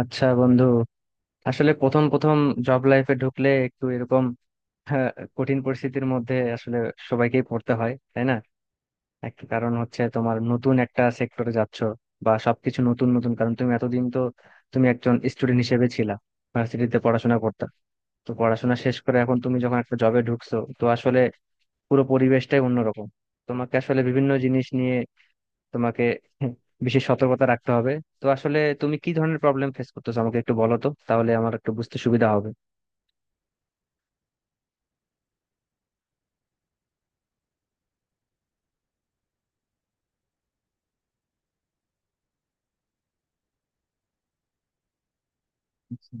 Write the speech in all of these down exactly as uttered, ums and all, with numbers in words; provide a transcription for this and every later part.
আচ্ছা বন্ধু, আসলে প্রথম প্রথম জব লাইফে ঢুকলে একটু এরকম হ্যাঁ, কঠিন পরিস্থিতির মধ্যে আসলে সবাইকেই পড়তে হয়, তাই না? একটা কারণ হচ্ছে তোমার নতুন একটা সেক্টরে যাচ্ছ বা সবকিছু নতুন নতুন, কারণ তুমি এতদিন তো তুমি একজন স্টুডেন্ট হিসেবে ছিলা, ভার্সিটিতে পড়াশোনা করতে। তো পড়াশোনা শেষ করে এখন তুমি যখন একটা জবে ঢুকছো তো আসলে পুরো পরিবেশটাই অন্যরকম। তোমাকে আসলে বিভিন্ন জিনিস নিয়ে তোমাকে বিশেষ সতর্কতা রাখতে হবে। তো আসলে তুমি কি ধরনের প্রবলেম ফেস করতেছো আমাকে একটু বলো তো, তাহলে আমার একটু বুঝতে সুবিধা হবে। আচ্ছা।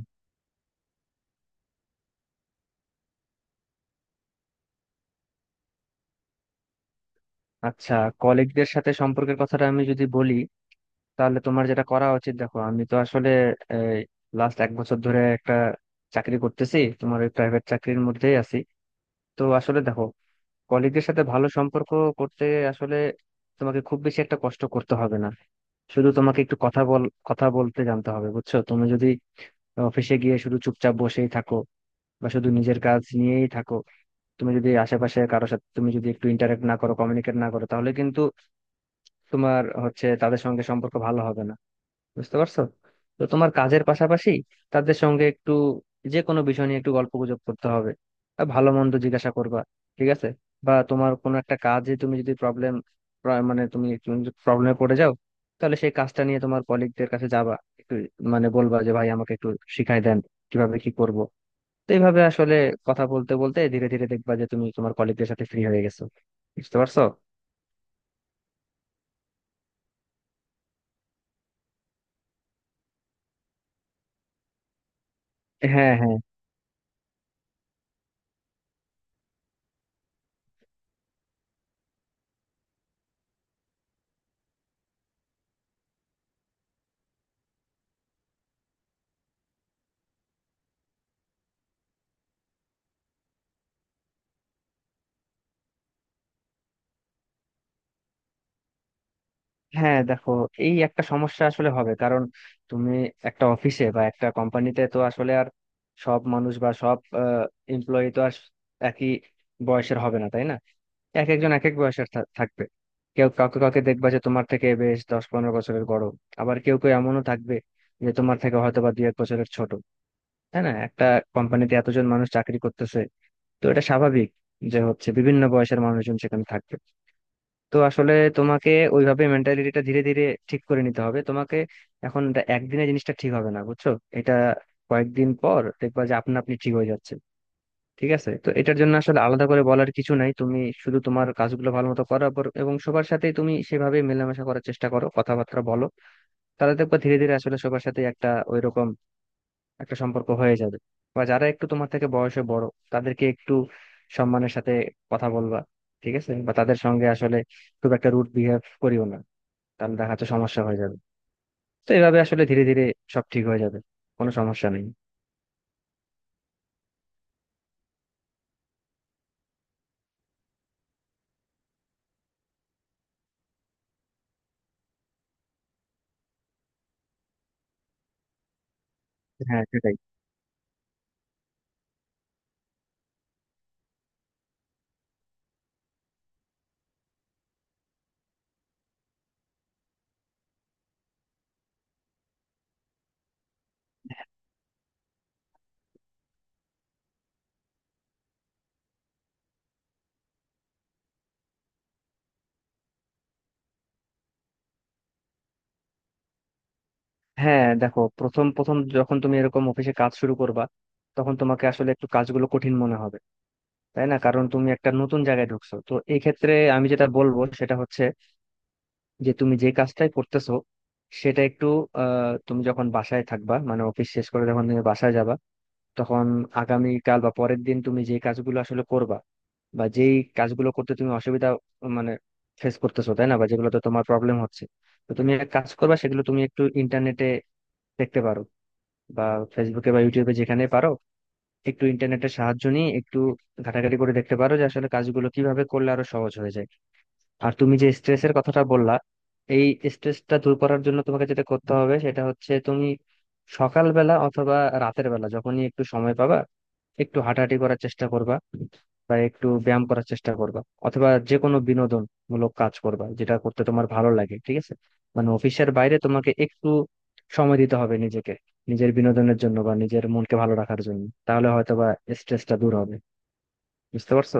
আচ্ছা কলিগদের সাথে সম্পর্কের কথাটা আমি যদি বলি, তাহলে তোমার যেটা করা উচিত, দেখো আমি তো আসলে লাস্ট এক বছর ধরে একটা চাকরি করতেছি, তোমার ওই প্রাইভেট চাকরির মধ্যেই আছি। তো আসলে দেখো, কলিগদের সাথে ভালো সম্পর্ক করতে আসলে তোমাকে খুব বেশি একটা কষ্ট করতে হবে না। শুধু তোমাকে একটু কথা বল কথা বলতে জানতে হবে, বুঝছো? তুমি যদি অফিসে গিয়ে শুধু চুপচাপ বসেই থাকো বা শুধু নিজের কাজ নিয়েই থাকো, তুমি যদি আশেপাশে কারোর সাথে তুমি যদি একটু ইন্টারাক্ট না করো, কমিউনিকেট না করো, তাহলে কিন্তু তোমার হচ্ছে তাদের সঙ্গে সম্পর্ক ভালো হবে না। বুঝতে পারছো? তো তোমার কাজের পাশাপাশি তাদের সঙ্গে একটু যে কোনো বিষয় নিয়ে একটু গল্প গুজব করতে হবে আর ভালো মন্দ জিজ্ঞাসা করবা, ঠিক আছে? বা তোমার কোনো একটা কাজে তুমি যদি প্রবলেম, মানে তুমি একটু প্রবলেমে পড়ে যাও, তাহলে সেই কাজটা নিয়ে তোমার কলিগদের কাছে যাবা, একটু মানে বলবা যে ভাই আমাকে একটু শিখাই দেন কিভাবে কি করব। তো এইভাবে আসলে কথা বলতে বলতে ধীরে ধীরে দেখবা যে তুমি তোমার কলিগদের সাথে ফ্রি হয়ে গেছো। বুঝতে পারছো? হ্যাঁ, হ্যাঁ। হ্যাঁ দেখো, এই একটা সমস্যা আসলে হবে, কারণ তুমি একটা অফিসে বা একটা কোম্পানিতে তো আসলে আর সব মানুষ বা সব এমপ্লয়ি তো আর একই বয়সের হবে না, তাই না? এক একজন এক এক বয়সের থা- থাকবে কেউ কাউকে কাউকে দেখবা যে তোমার থেকে বেশ দশ পনেরো বছরের বড়, আবার কেউ কেউ এমনও থাকবে যে তোমার থেকে হয়তো বা দুই এক বছরের ছোট। তাই না, একটা কোম্পানিতে এতজন মানুষ চাকরি করতেছে, তো এটা স্বাভাবিক যে হচ্ছে বিভিন্ন বয়সের মানুষজন সেখানে থাকবে। তো আসলে তোমাকে ওইভাবে মেন্টালিটিটা ধীরে ধীরে ঠিক করে নিতে হবে। তোমাকে এখন এটা একদিনে জিনিসটা ঠিক হবে না, বুঝছো? এটা কয়েকদিন পর দেখবা যে আপনা আপনি ঠিক হয়ে যাচ্ছে। ঠিক আছে, তো এটার জন্য আসলে আলাদা করে বলার কিছু নাই, তুমি শুধু তোমার কাজগুলো ভালো মতো করো পর- এবং সবার সাথে তুমি সেভাবে মেলামেশা করার চেষ্টা করো, কথাবার্তা বলো, তাহলে দেখবা ধীরে ধীরে আসলে সবার সাথে একটা ওইরকম একটা সম্পর্ক হয়ে যাবে। বা যারা একটু তোমার থেকে বয়সে বড়, তাদেরকে একটু সম্মানের সাথে কথা বলবা, ঠিক আছে? বা তাদের সঙ্গে আসলে খুব একটা রুড বিহেভ করিও না, তাহলে দেখা যাচ্ছে সমস্যা হয়ে যাবে। তো এভাবে আসলে ধীরে ধীরে সব ঠিক হয়ে যাবে, কোনো সমস্যা নেই। হ্যাঁ সেটাই। হ্যাঁ দেখো, প্রথম প্রথম যখন তুমি এরকম অফিসে কাজ শুরু করবা, তখন তোমাকে আসলে একটু কাজগুলো কঠিন মনে হবে, তাই না? কারণ তুমি একটা নতুন জায়গায় ঢুকছো। তো এই ক্ষেত্রে আমি যেটা বলবো সেটা হচ্ছে যে তুমি যে কাজটাই করতেছো সেটা একটু আহ, তুমি যখন বাসায় থাকবা, মানে অফিস শেষ করে যখন তুমি বাসায় যাবা, তখন আগামীকাল বা পরের দিন তুমি যে কাজগুলো আসলে করবা বা যেই কাজগুলো করতে তুমি অসুবিধা মানে ফেস করতেছো, তাই না, বা যেগুলোতে তোমার প্রবলেম হচ্ছে, তো তুমি এক কাজ করবা, সেগুলো তুমি একটু ইন্টারনেটে দেখতে পারো বা ফেসবুকে বা ইউটিউবে, যেখানে পারো একটু ইন্টারনেটের সাহায্য নিয়ে একটু ঘাটাঘাটি করে দেখতে পারো যে আসলে কাজগুলো কিভাবে করলে আরো সহজ হয়ে যায়। আর তুমি যে স্ট্রেসের কথাটা বললা, এই স্ট্রেসটা দূর করার জন্য তোমাকে যেটা করতে হবে সেটা হচ্ছে তুমি সকালবেলা অথবা রাতের বেলা যখনই একটু সময় পাবা, একটু হাঁটাহাঁটি করার চেষ্টা করবা বা একটু ব্যায়াম করার চেষ্টা করবা, অথবা যে কোনো বিনোদনমূলক কাজ করবা যেটা করতে তোমার ভালো লাগে, ঠিক আছে? মানে অফিসের বাইরে তোমাকে একটু সময় দিতে হবে নিজেকে, নিজের বিনোদনের জন্য বা নিজের মনকে ভালো রাখার জন্য, তাহলে হয়তোবা স্ট্রেসটা দূর হবে। বুঝতে পারছো?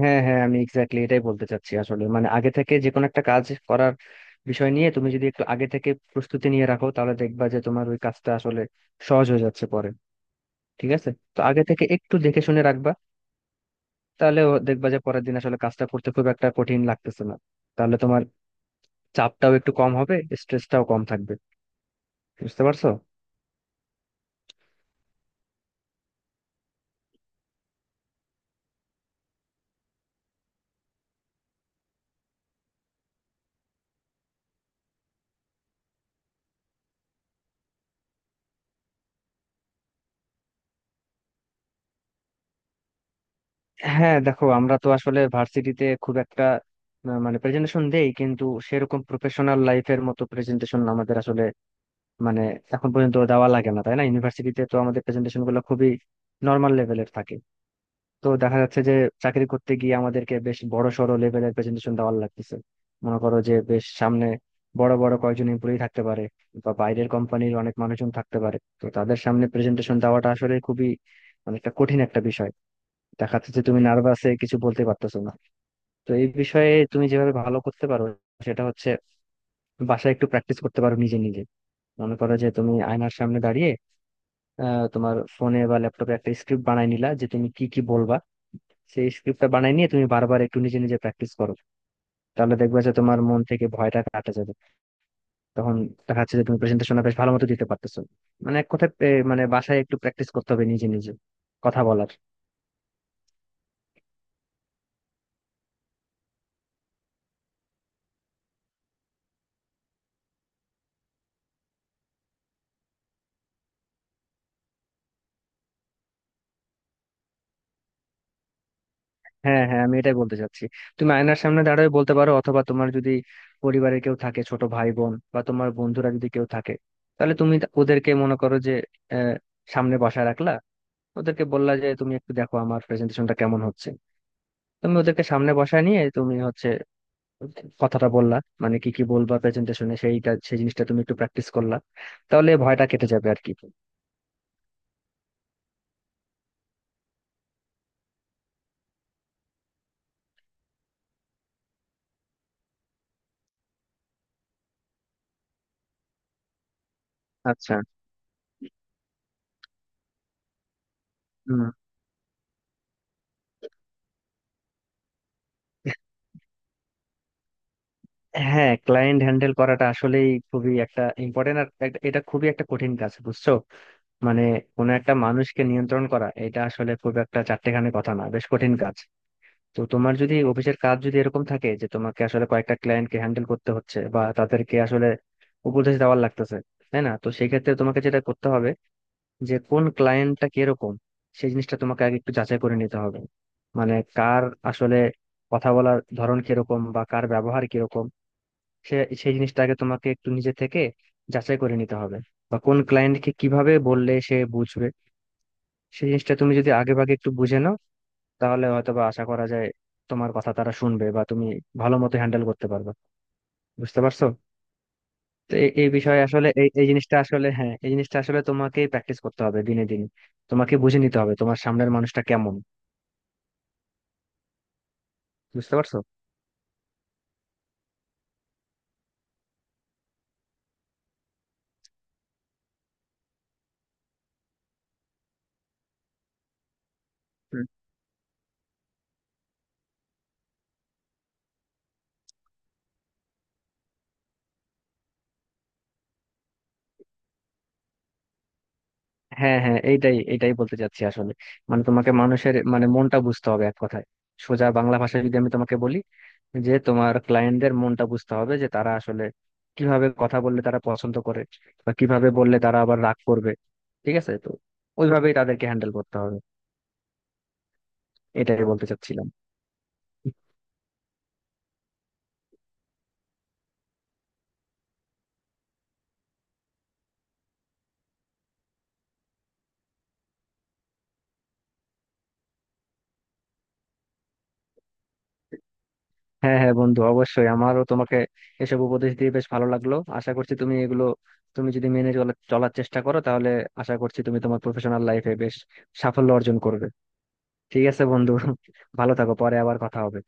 হ্যাঁ, হ্যাঁ, আমি এক্স্যাক্টলি এটাই বলতে চাচ্ছি আসলে। মানে আগে থেকে যে কোনো একটা কাজ করার বিষয় নিয়ে তুমি যদি একটু আগে থেকে প্রস্তুতি নিয়ে রাখো, তাহলে দেখবা যে তোমার ওই কাজটা আসলে সহজ হয়ে যাচ্ছে পরে। ঠিক আছে, তো আগে থেকে একটু দেখে শুনে রাখবা, তাহলে ও দেখবা যে পরের দিন আসলে কাজটা করতে খুব একটা কঠিন লাগতেছে না। তাহলে তোমার চাপটাও একটু কম হবে, স্ট্রেসটাও কম থাকবে। বুঝতে পারছো? হ্যাঁ দেখো, আমরা তো আসলে ভার্সিটিতে খুব একটা আহ, মানে প্রেজেন্টেশন দেই, কিন্তু সেরকম প্রফেশনাল লাইফের মতো প্রেজেন্টেশন আমাদের আসলে মানে এখন পর্যন্ত দেওয়া লাগে না, তাই না? ইউনিভার্সিটিতে তো আমাদের প্রেজেন্টেশন গুলো খুবই নর্মাল লেভেলের থাকে। তো দেখা যাচ্ছে যে চাকরি করতে গিয়ে আমাদেরকে বেশ বড় সড় লেভেলের প্রেজেন্টেশন দেওয়া লাগতেছে। মনে করো যে বেশ সামনে বড় বড় কয়েকজন এমপ্লয়ি থাকতে পারে বা বাইরের কোম্পানির অনেক মানুষজন থাকতে পারে, তো তাদের সামনে প্রেজেন্টেশন দেওয়াটা আসলে খুবই মানে একটা কঠিন একটা বিষয়। দেখা যাচ্ছে যে তুমি নার্ভাসে কিছু বলতে পারতেছো না। তো এই বিষয়ে তুমি যেভাবে ভালো করতে পারো সেটা হচ্ছে বাসায় একটু প্র্যাকটিস করতে পারো নিজে নিজে। মনে করো যে তুমি আয়নার সামনে দাঁড়িয়ে আহ, তোমার ফোনে বা ল্যাপটপে একটা স্ক্রিপ্ট বানাই নিলা যে তুমি কি কি বলবা, সেই স্ক্রিপ্টটা বানাই নিয়ে তুমি বারবার একটু নিজে নিজে প্র্যাকটিস করো, তাহলে দেখবে যে তোমার মন থেকে ভয়টা কাটা যাবে। তখন দেখা যাচ্ছে যে তুমি প্রেজেন্টেশনটা বেশ ভালো মতো দিতে পারতেছো। মানে এক কথায় এ, মানে বাসায় একটু প্র্যাকটিস করতে হবে নিজে নিজে কথা বলার। হ্যাঁ, হ্যাঁ, আমি এটাই বলতে চাচ্ছি। তুমি আয়নার সামনে দাঁড়িয়ে বলতে পারো, অথবা তোমার যদি পরিবারে কেউ থাকে, ছোট ভাই বোন বা তোমার বন্ধুরা যদি কেউ থাকে, তাহলে তুমি তা- ওদেরকে মনে করো যে আহ, সামনে বসায় রাখলা, ওদেরকে বললা যে তুমি একটু দেখো আমার প্রেজেন্টেশনটা কেমন হচ্ছে। তুমি ওদেরকে সামনে বসায় নিয়ে তুমি হচ্ছে কথাটা বললা, মানে কি কি বলবা প্রেজেন্টেশনে সেইটা, সেই জিনিসটা তুমি একটু প্র্যাকটিস করলা, তাহলে ভয়টা কেটে যাবে আর কি। আচ্ছা। হুম। হ্যাঁ, ক্লায়েন্ট হ্যান্ডেল করাটা আসলেই খুবই একটা ইম্পর্টেন্ট আর একটা- এটা খুবই একটা কঠিন কাজ, বুঝছো? মানে কোনো একটা মানুষকে নিয়ন্ত্রণ করা এটা আসলে খুব একটা চারটেখানি কথা না, বেশ কঠিন কাজ। তো তোমার যদি অফিসের কাজ যদি এরকম থাকে যে তোমাকে আসলে কয়েকটা ক্লায়েন্টকে হ্যান্ডেল করতে হচ্ছে বা তাদেরকে আসলে উপদেশ দেওয়ার লাগতেছে, তাই না, তো সেই ক্ষেত্রে তোমাকে যেটা করতে হবে, যে কোন ক্লায়েন্টটা কিরকম সেই জিনিসটা তোমাকে আগে একটু যাচাই করে নিতে হবে। মানে কার আসলে কথা বলার ধরন কিরকম বা কার ব্যবহার কিরকম, সে সেই জিনিসটা আগে তোমাকে একটু নিজে থেকে যাচাই করে নিতে হবে। বা কোন ক্লায়েন্টকে কিভাবে বললে সে বুঝবে সেই জিনিসটা তুমি যদি আগে ভাগে একটু বুঝে নাও, তাহলে হয়তো বা আশা করা যায় তোমার কথা তারা শুনবে বা তুমি ভালো মতো হ্যান্ডেল করতে পারবে। বুঝতে পারছো? তো এই এই বিষয়ে আসলে এই এই জিনিসটা আসলে হ্যাঁ এই জিনিসটা আসলে তোমাকেই প্র্যাকটিস করতে হবে দিনে দিনে। তোমাকে বুঝে নিতে হবে তোমার সামনের মানুষটা কেমন। বুঝতে পারছো? হ্যাঁ, হ্যাঁ, এইটাই এইটাই বলতে চাচ্ছি আসলে। মানে তোমাকে মানুষের মানে মনটা বুঝতে হবে এক কথায়। সোজা বাংলা ভাষায় যদি আমি তোমাকে বলি, যে তোমার ক্লায়েন্টদের মনটা বুঝতে হবে যে তারা আসলে কিভাবে কথা বললে তারা পছন্দ করে বা কিভাবে বললে তারা আবার রাগ করবে। ঠিক আছে, তো ওইভাবেই তাদেরকে হ্যান্ডেল করতে হবে, এটাই বলতে চাচ্ছিলাম। হ্যাঁ, হ্যাঁ, বন্ধু, অবশ্যই, আমারও তোমাকে এসব উপদেশ দিয়ে বেশ ভালো লাগলো। আশা করছি তুমি এগুলো তুমি যদি মেনে চলা- চলার চেষ্টা করো, তাহলে আশা করছি তুমি তোমার প্রফেশনাল লাইফে বেশ সাফল্য অর্জন করবে। ঠিক আছে বন্ধু, ভালো থাকো, পরে আবার কথা হবে।